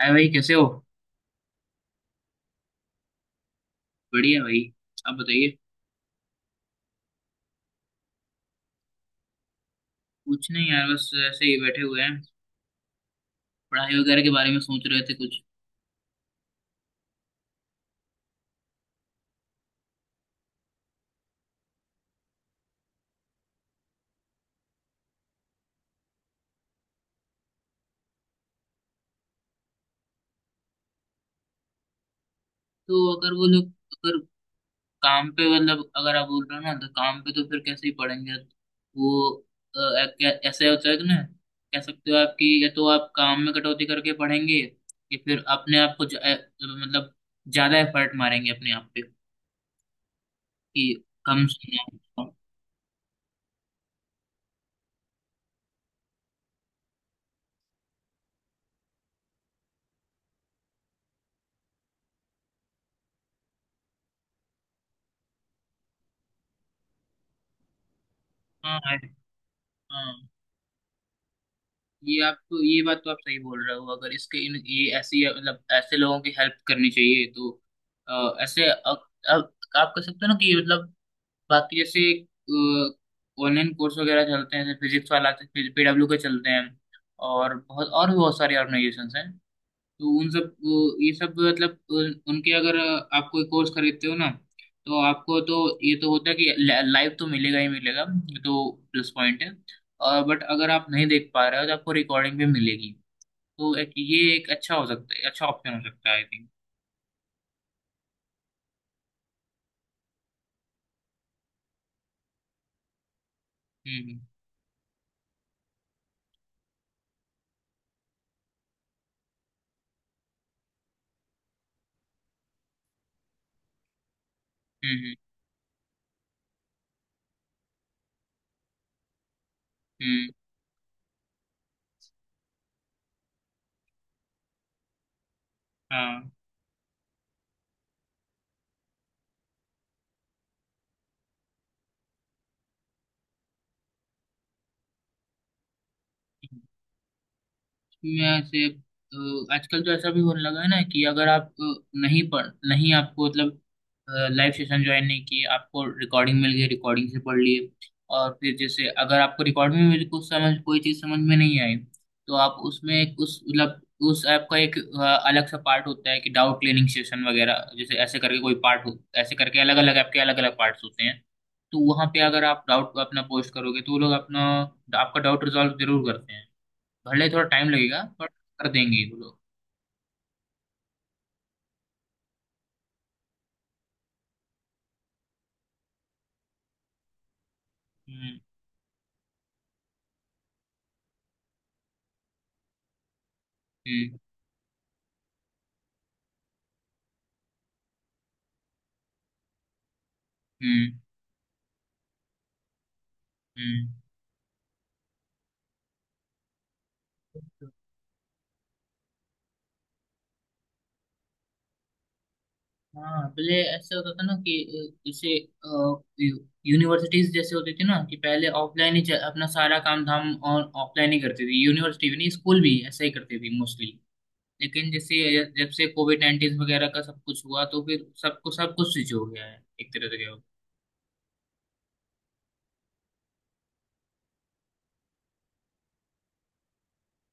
अरे भाई, कैसे हो? बढ़िया भाई। आप बताइए। कुछ नहीं यार, बस ऐसे ही बैठे हुए हैं। पढ़ाई वगैरह के बारे में सोच रहे थे कुछ। तो अगर वो लोग अगर काम पे मतलब अगर आप बोल रहे हो ना, तो काम पे तो फिर कैसे ही पढ़ेंगे वो। ऐसे होता है कि ना, कह सकते हो आप कि या तो आप काम में कटौती करके पढ़ेंगे या फिर अपने आप को मतलब ज्यादा एफर्ट मारेंगे अपने आप पे कि कम से कम। हाँ, हाँ, ये आप तो ये बात तो आप सही बोल रहे हो, अगर इसके इन ये ऐसी मतलब ऐसे लोगों की हेल्प करनी चाहिए तो ऐसे अब आप कह सकते हो ना कि मतलब बाकी जैसे ऑनलाइन कोर्स वगैरह चलते हैं जैसे फिजिक्स वाला पीडब्ल्यू के चलते हैं, और बहुत और भी बहुत सारी ऑर्गेनाइजेशंस हैं। तो उन सब ये सब मतलब उनके अगर आप कोई कोर्स खरीदते हो ना, तो आपको तो ये तो होता है कि लाइव तो मिलेगा ही मिलेगा। ये तो प्लस पॉइंट है। और बट अगर आप नहीं देख पा रहे हो तो आपको रिकॉर्डिंग भी मिलेगी। तो एक ये एक अच्छा हो सकता है, अच्छा ऑप्शन हो सकता है आई थिंक। हम्म। हम्म। हम्म। हम्म। हाँ, में से आजकल तो ऐसा भी होने लगा है ना कि अगर आप नहीं पढ़ नहीं आपको मतलब लाइव सेशन ज्वाइन नहीं किए, आपको रिकॉर्डिंग मिल गई, रिकॉर्डिंग से पढ़ लिए। और फिर जैसे अगर आपको रिकॉर्डिंग में भी कुछ समझ कोई चीज़ समझ में नहीं आई तो आप उसमें उस मतलब उस ऐप का एक अलग सा पार्ट होता है कि डाउट क्लियरिंग सेशन वगैरह जैसे ऐसे करके कोई पार्ट हो, ऐसे करके अलग अलग ऐप के अलग अलग पार्ट्स होते हैं। तो वहाँ पे अगर आप डाउट अपना पोस्ट करोगे तो वो लोग अपना आपका डाउट रिजॉल्व जरूर करते हैं। भले थोड़ा टाइम लगेगा पर कर देंगे वो लोग। हम्म। हम्म। हम्म। हम्म। हाँ पहले ऐसे होता था ना कि जैसे यूनिवर्सिटीज जैसे होती थी ना कि पहले ऑफलाइन ही अपना सारा काम धाम और ऑफलाइन ही करती थी, यूनिवर्सिटी भी नहीं स्कूल भी ऐसा ही करती थी मोस्टली। लेकिन जैसे जब से कोविड-19 वगैरह का सब कुछ हुआ तो फिर सबको सब कुछ स्विच हो गया है एक तरह से क्या हो।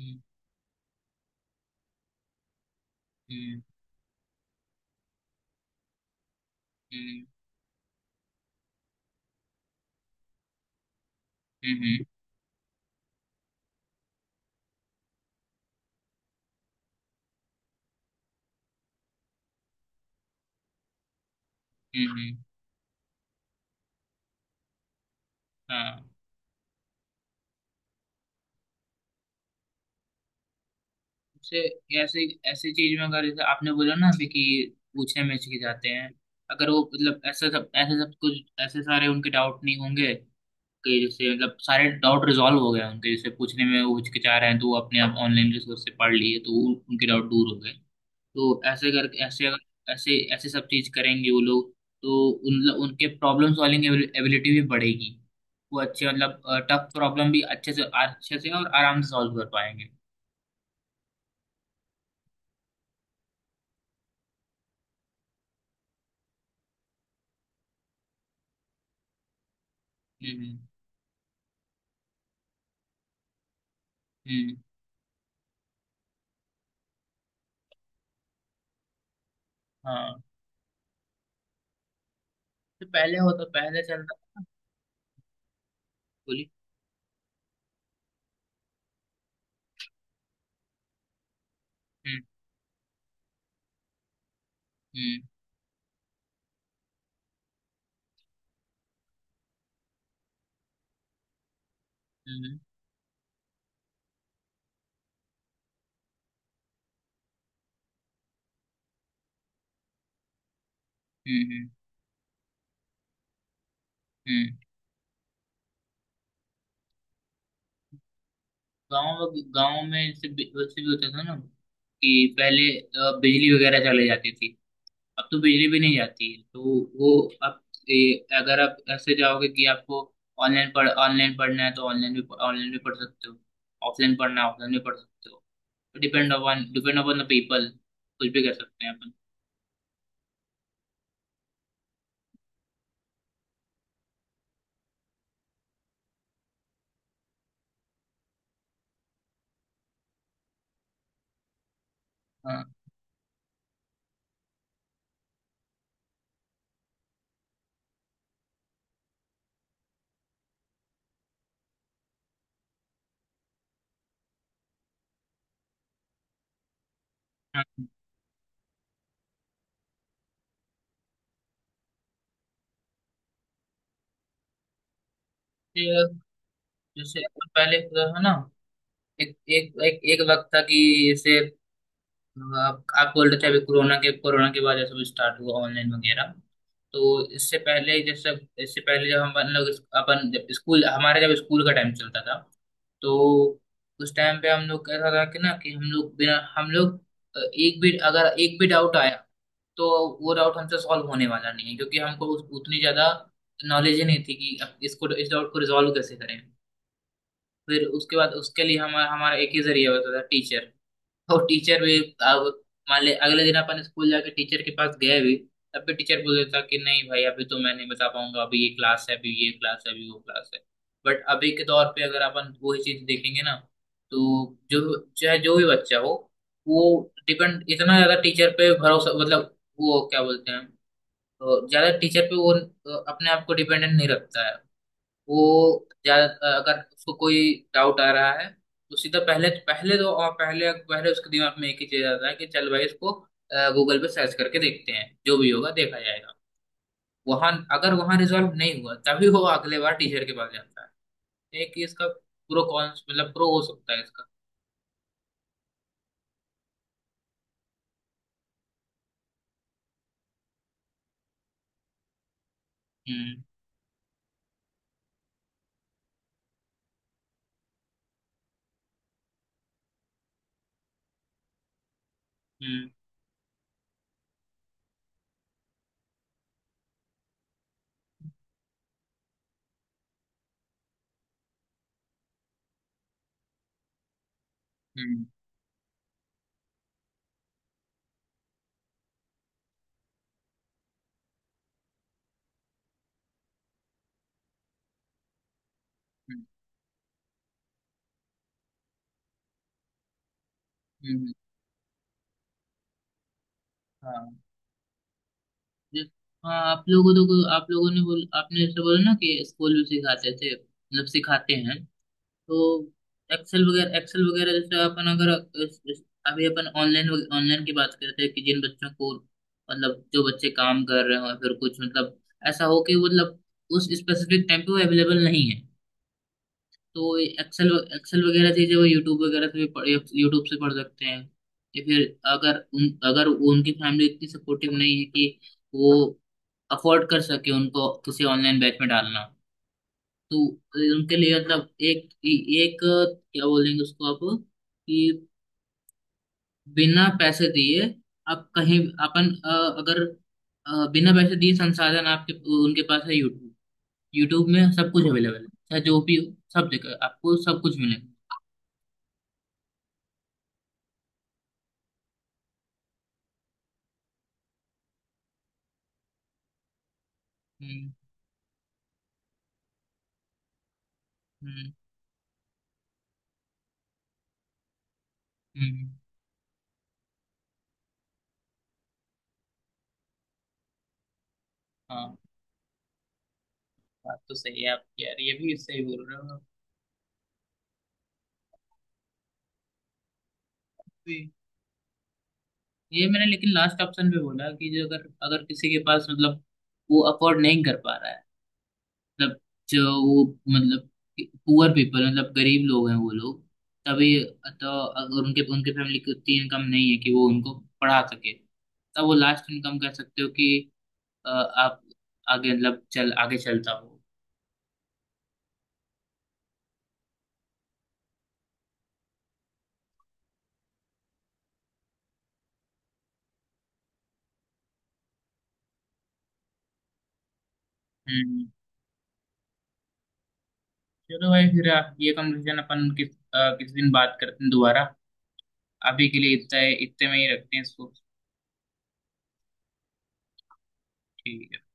हम्म। हम्म। हम्म। हम्म। हम्म। हम्म। हाँ से ऐसे ऐसे चीज में अगर जैसे आपने बोला ना अभी कि पूछने में हिचके जाते हैं। अगर वो मतलब ऐसा सब ऐसे सब कुछ ऐसे सारे उनके डाउट नहीं होंगे, कि जैसे मतलब सारे डाउट रिजॉल्व हो गए उनके, जैसे पूछने में वो हिचकिचा रहे हैं तो वो अपने आप ऑनलाइन रिसोर्स से पढ़ लिए तो उनके डाउट दूर हो गए। तो ऐसे कर ऐसे अगर ऐसे ऐसे सब चीज करेंगे वो लोग, तो उन उनके प्रॉब्लम सॉल्विंग एबिलिटी भी बढ़ेगी। वो अच्छे मतलब टफ प्रॉब्लम भी अच्छे से और आराम से सॉल्व कर पाएंगे। हम्म। हम्म। हाँ, तो पहले होता पहले चल रहा था ना, बोली। हम्म। हम्म। हम्म। हम्म। हम्म। हम्म। गाँव गाँव में से वैसे भी होता था ना कि पहले बिजली वगैरह चले जाती थी। अब तो बिजली भी नहीं जाती है तो वो अब अगर आप ऐसे जाओगे कि आपको ऑनलाइन पढ़ ऑनलाइन पढ़ना है तो ऑनलाइन भी पढ़ सकते हो। ऑफलाइन पढ़ना है ऑफलाइन भी पढ़ सकते हो। डिपेंड अपॉन द पीपल, कुछ भी कर सकते हैं अपन। हाँ। हाँ। ये जैसे अपन पहले होता था ना, एक एक एक एक वक्त था कि जैसे आप बोल रहे थे अभी, कोरोना के बाद ये सब स्टार्ट हुआ ऑनलाइन वगैरह। तो इससे पहले जब सब इससे पहले जब हम अपन लोग अपन जब स्कूल हमारे जब स्कूल का टाइम चलता था तो उस टाइम पे हम लोग कैसा था कि ना कि हम लोग बिना हम लोग एक भी अगर एक भी डाउट आया तो वो डाउट हमसे सॉल्व होने वाला नहीं है क्योंकि हमको उतनी ज्यादा नॉलेज ही नहीं थी कि अब इसको इस डाउट को रिजॉल्व कैसे करें। फिर उसके बाद उसके लिए हमारा हमारा एक ही जरिया होता था टीचर। और टीचर भी अब मान ले अगले दिन अपन स्कूल जाके टीचर के पास गए भी, तब भी टीचर बोल देता कि नहीं भाई अभी तो मैं नहीं बता पाऊंगा, अभी ये क्लास है अभी ये क्लास है अभी वो क्लास है। बट अभी के दौर पे अगर अपन वही चीज देखेंगे ना तो जो चाहे जो भी बच्चा हो वो डिपेंड इतना ज्यादा टीचर पे भरोसा मतलब वो क्या बोलते हैं ज्यादा टीचर पे वो अपने आप को डिपेंडेंट नहीं रखता है। वो अगर उसको कोई डाउट आ रहा है तो सीधा पहले पहले तो और पहले पहले उसके दिमाग में एक ही चीज आता है कि चल भाई इसको गूगल पे सर्च करके देखते हैं, जो भी होगा देखा जाएगा। वहां अगर वहां रिजॉल्व नहीं हुआ तभी वो अगले बार टीचर के पास जाता है। एक ये इसका प्रो कॉन्स मतलब प्रो हो सकता है इसका। हम्म। हम्म। हम्म। हम्म। हम्म। हाँ, जिस- हाँ आप लोगों तो आप लोगों ने बोल आपने ऐसे बोला ना कि स्कूल में सिखाते थे मतलब सिखाते हैं। तो एक्सेल वगैरह जैसे अपन अगर इस- इस- अभी अपन ऑनलाइन ऑनलाइन की बात करते हैं कि जिन बच्चों को मतलब जो बच्चे काम कर रहे हो या फिर कुछ मतलब ऐसा हो कि वो मतलब उस स्पेसिफिक टाइम पे वो अवेलेबल नहीं है तो एक्सेल एक्सेल वगैरह चीजें वो यूट्यूब वगैरह से भी पढ़ यूट्यूब से पढ़ सकते हैं। या फिर अगर उन अगर वो उनकी फैमिली इतनी सपोर्टिव नहीं है कि वो अफोर्ड कर सके उनको किसी ऑनलाइन बैच में डालना, तो उनके लिए मतलब एक एक क्या बोलेंगे उसको आप कि बिना पैसे दिए आप कहीं अपन अगर बिना पैसे दिए संसाधन आपके उनके पास है यूट्यूब। यूट्यूब में सब कुछ अवेलेबल है, चाहे जो भी हो सब जगह आपको सब कुछ मिलेगा। हम्म। हम्म। हम्म। हाँ, बात तो सही है आपकी यार, ये भी सही बोल रहे हो आप भी। ये मैंने लेकिन लास्ट ऑप्शन पे बोला कि जो अगर अगर किसी के पास मतलब वो अफोर्ड नहीं कर पा रहा है, मतलब जो वो मतलब पुअर पीपल मतलब गरीब लोग हैं वो लोग, तभी तो अगर उनके उनके फैमिली की उतनी इनकम नहीं है कि वो उनको पढ़ा सके, तब वो लास्ट इनकम कर सकते हो कि आप आगे मतलब चल आगे चलता हो। हम्म। चलो भाई, फिर आप ये कन्वर्सेशन अपन किस किस दिन बात करते हैं दोबारा। अभी के लिए इतना है, इतने में ही रखते हैं इसको। ठीक है।